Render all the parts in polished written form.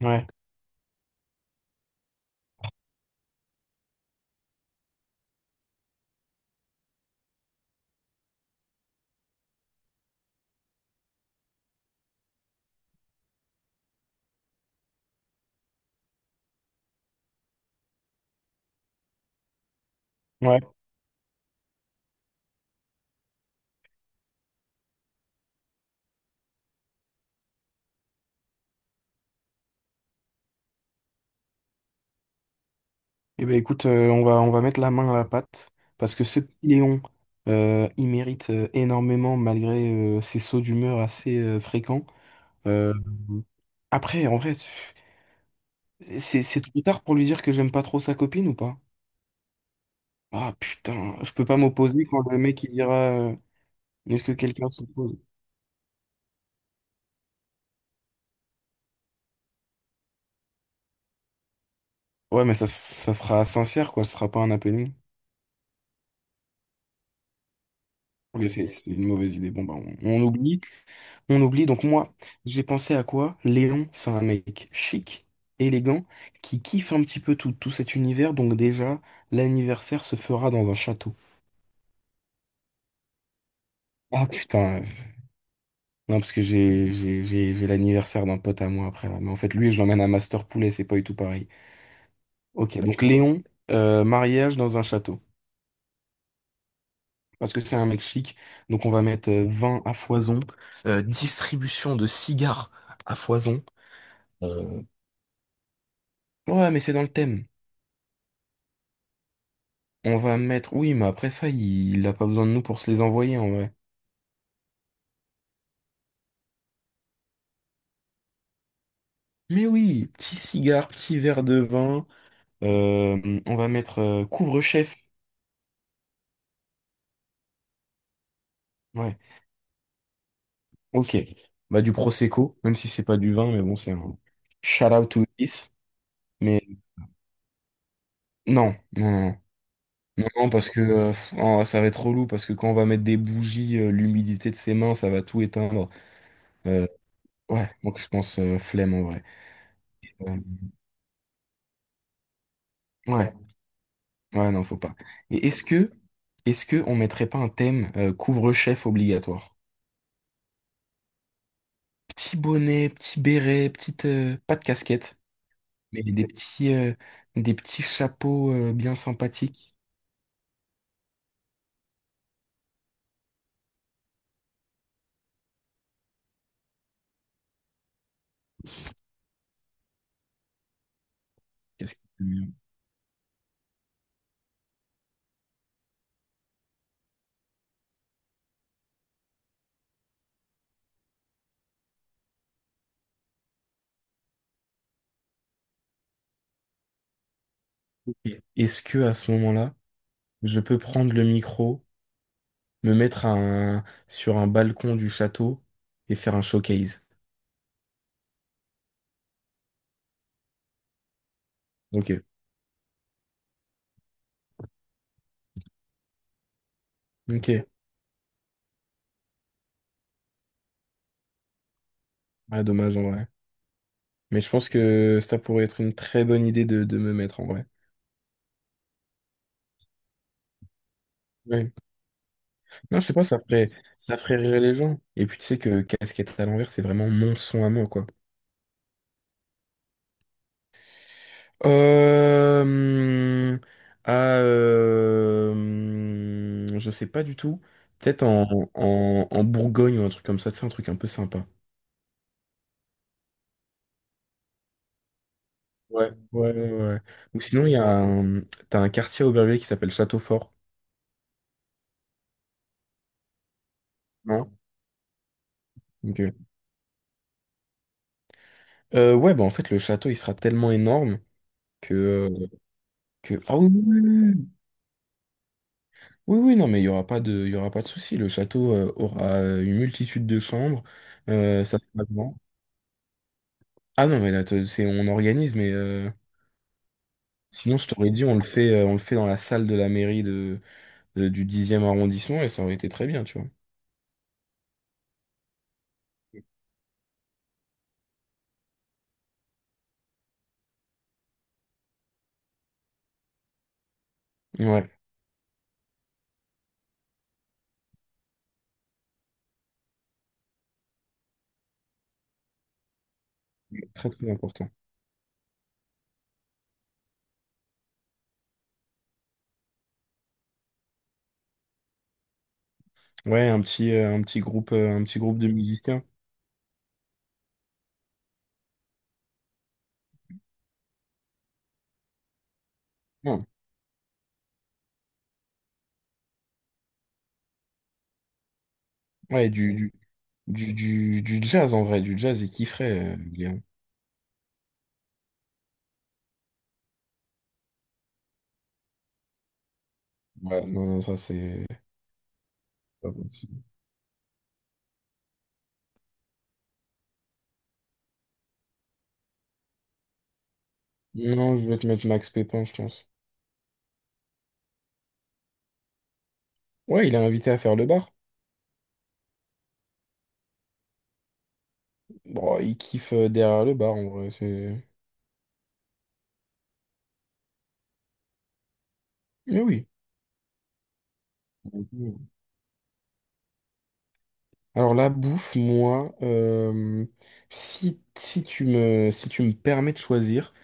Ouais, ouais. Eh ben écoute, on va mettre la main à la pâte parce que ce petit Léon, il mérite énormément malgré ses sauts d'humeur assez fréquents. Euh, après, en vrai, c'est trop tard pour lui dire que j'aime pas trop sa copine ou pas? Ah putain, je peux pas m'opposer quand le mec il dira est-ce que quelqu'un s'oppose? Ouais, mais ça sera sincère quoi, ce sera pas un appelé. Ok, c'est une mauvaise idée. Bon, bah, on oublie. On oublie, donc moi, j'ai pensé à quoi? Léon, c'est un mec chic, élégant, qui kiffe un petit peu tout, tout cet univers, donc déjà, l'anniversaire se fera dans un château. Ah putain, non, parce que j'ai l'anniversaire d'un pote à moi après, là. Mais en fait, lui, je l'emmène à Master Poulet, c'est pas du tout pareil. Ok, donc Léon, mariage dans un château. Parce que c'est un mec chic, donc on va mettre vin à foison, distribution de cigares à foison. Euh, Ouais, mais c'est dans le thème. On va mettre. Oui, mais après ça, il a pas besoin de nous pour se les envoyer en vrai. Mais oui, petit cigare, petit verre de vin. On va mettre couvre-chef. Ouais, ok. Bah, du Prosecco, même si c'est pas du vin, mais bon, c'est un shout out to this. Mais non, non, non, non, non, parce que pff, oh, ça va être relou, parce que quand on va mettre des bougies, l'humidité de ses mains, ça va tout éteindre. Euh, ouais, donc je pense flemme en vrai. Euh, ouais. Ouais, non, faut pas. Et est-ce que on mettrait pas un thème couvre-chef obligatoire? Petit bonnet, petit béret, petite, pas de casquette, mais des petits chapeaux bien sympathiques. Qu'est-ce que c'est mieux. Et est-ce que à ce moment-là, je peux prendre le micro, me mettre sur un balcon du château et faire un showcase? Ok, ok. Ah, dommage en vrai. Mais je pense que ça pourrait être une très bonne idée de me mettre en vrai. Ouais. Non, je sais pas, ça ferait rire les gens. Et puis tu sais que casquette à l'envers, c'est vraiment mon son à moi, quoi. Euh, hum, je sais pas du tout. Peut-être en Bourgogne ou un truc comme ça, c'est un truc un peu sympa. Ouais, ouais, ouais, ouais. Ou sinon, il y a un, t'as un quartier à Aubervilliers qui s'appelle Châteaufort, non? Ok. Ouais, bah en fait, le château, il sera tellement énorme que... euh, Ah oui, oui, oui, oui, oui. Oui, oui, non, mais il y aura pas de souci. Le château aura une multitude de chambres. Ça sera grand. Ah non, mais là, c'est, on organise, mais sinon, je t'aurais dit, on le fait dans la salle de la mairie du dixième arrondissement et ça aurait été très bien, tu vois. Ouais, très très important. Ouais, un petit groupe de musiciens. Non. Ouais, du jazz en vrai, du jazz, il kifferait, Léon. Ouais, non, non, ça c'est pas possible. Non, je vais te mettre Max Pépin, je pense. Ouais, il est invité à faire le bar. Bon, il kiffe derrière le bar, en vrai, c'est... Mais oui. Alors la bouffe, moi, si, si tu me permets de choisir,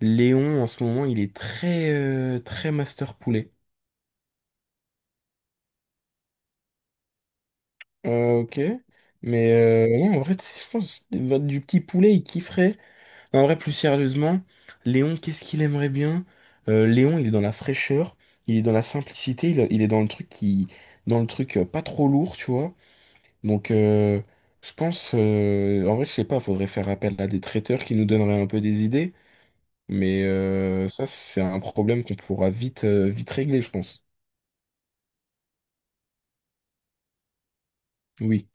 Léon, en ce moment, il est très, très master poulet. Ok. Mais non, en vrai, tu sais, je pense du petit poulet, il kifferait. Non, en vrai, plus sérieusement, Léon, qu'est-ce qu'il aimerait bien? Léon, il est dans la fraîcheur, il est dans la simplicité, il est dans le truc qui, dans le truc pas trop lourd, tu vois. Donc, je pense, en vrai, je sais pas, faudrait faire appel à des traiteurs qui nous donneraient un peu des idées, mais ça, c'est un problème qu'on pourra vite, vite régler, je pense. Oui.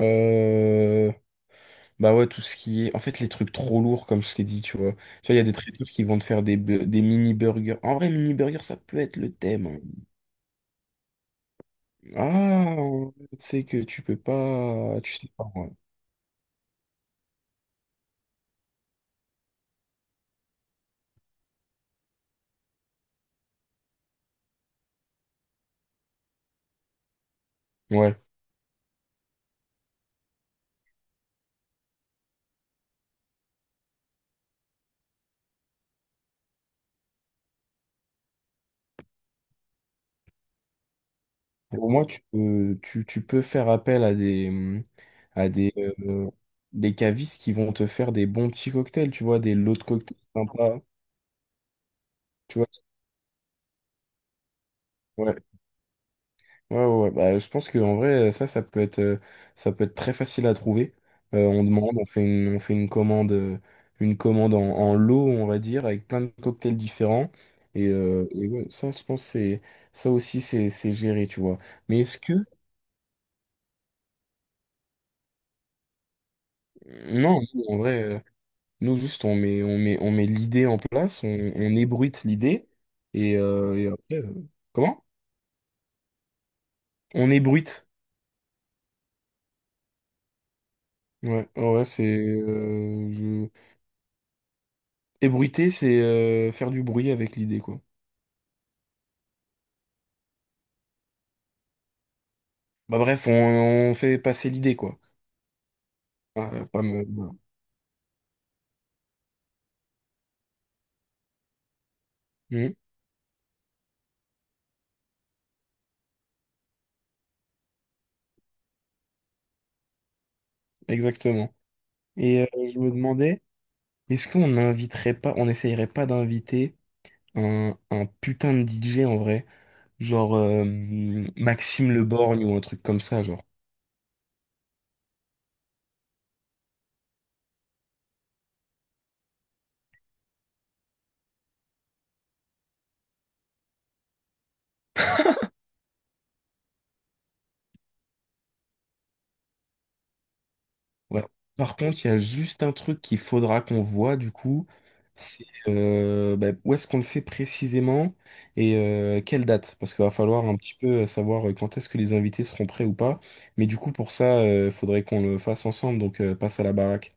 Euh, Bah ouais, tout ce qui est, en fait, les trucs trop lourds, comme je t'ai dit, tu vois. Tu vois, il y a des traiteurs qui vont te faire des, des mini burgers. En vrai, mini burger, ça peut être le thème, hein. Ah, c'est que tu peux pas, tu sais pas. Ouais. Ouais. Au moins, tu peux faire appel à euh, des cavistes qui vont te faire des bons petits cocktails, tu vois, des lots de cocktails sympas. Tu vois, ouais, ouais, ouais, ouais. Bah, je pense que en vrai, ça, ça peut être très facile à trouver. On demande, on fait une commande en lot, on va dire, avec plein de cocktails différents. Et ouais, ça, je pense, que c'est, ça aussi, c'est géré, tu vois. Mais est-ce que, non, en vrai. Nous, juste, on met l'idée en place, on ébruite l'idée, et après, comment? On ébruite. Ouais, ouais, ouais, c'est... je... Ébruiter, c'est faire du bruit avec l'idée, quoi. Bah bref, on fait passer l'idée, quoi. Ah, pas me- voilà. Mhm, exactement. Et je me demandais, est-ce qu'on n'inviterait pas, on n'essayerait pas d'inviter un putain de DJ en vrai? Genre Maxime Le Borgne ou un truc comme ça, genre. Ouais. Par contre, il y a juste un truc qu'il faudra qu'on voit du coup, c'est bah, où est-ce qu'on le fait précisément et quelle date, parce qu'il va falloir un petit peu savoir quand est-ce que les invités seront prêts ou pas. Mais du coup, pour ça, il faudrait qu'on le fasse ensemble, donc passe à la baraque.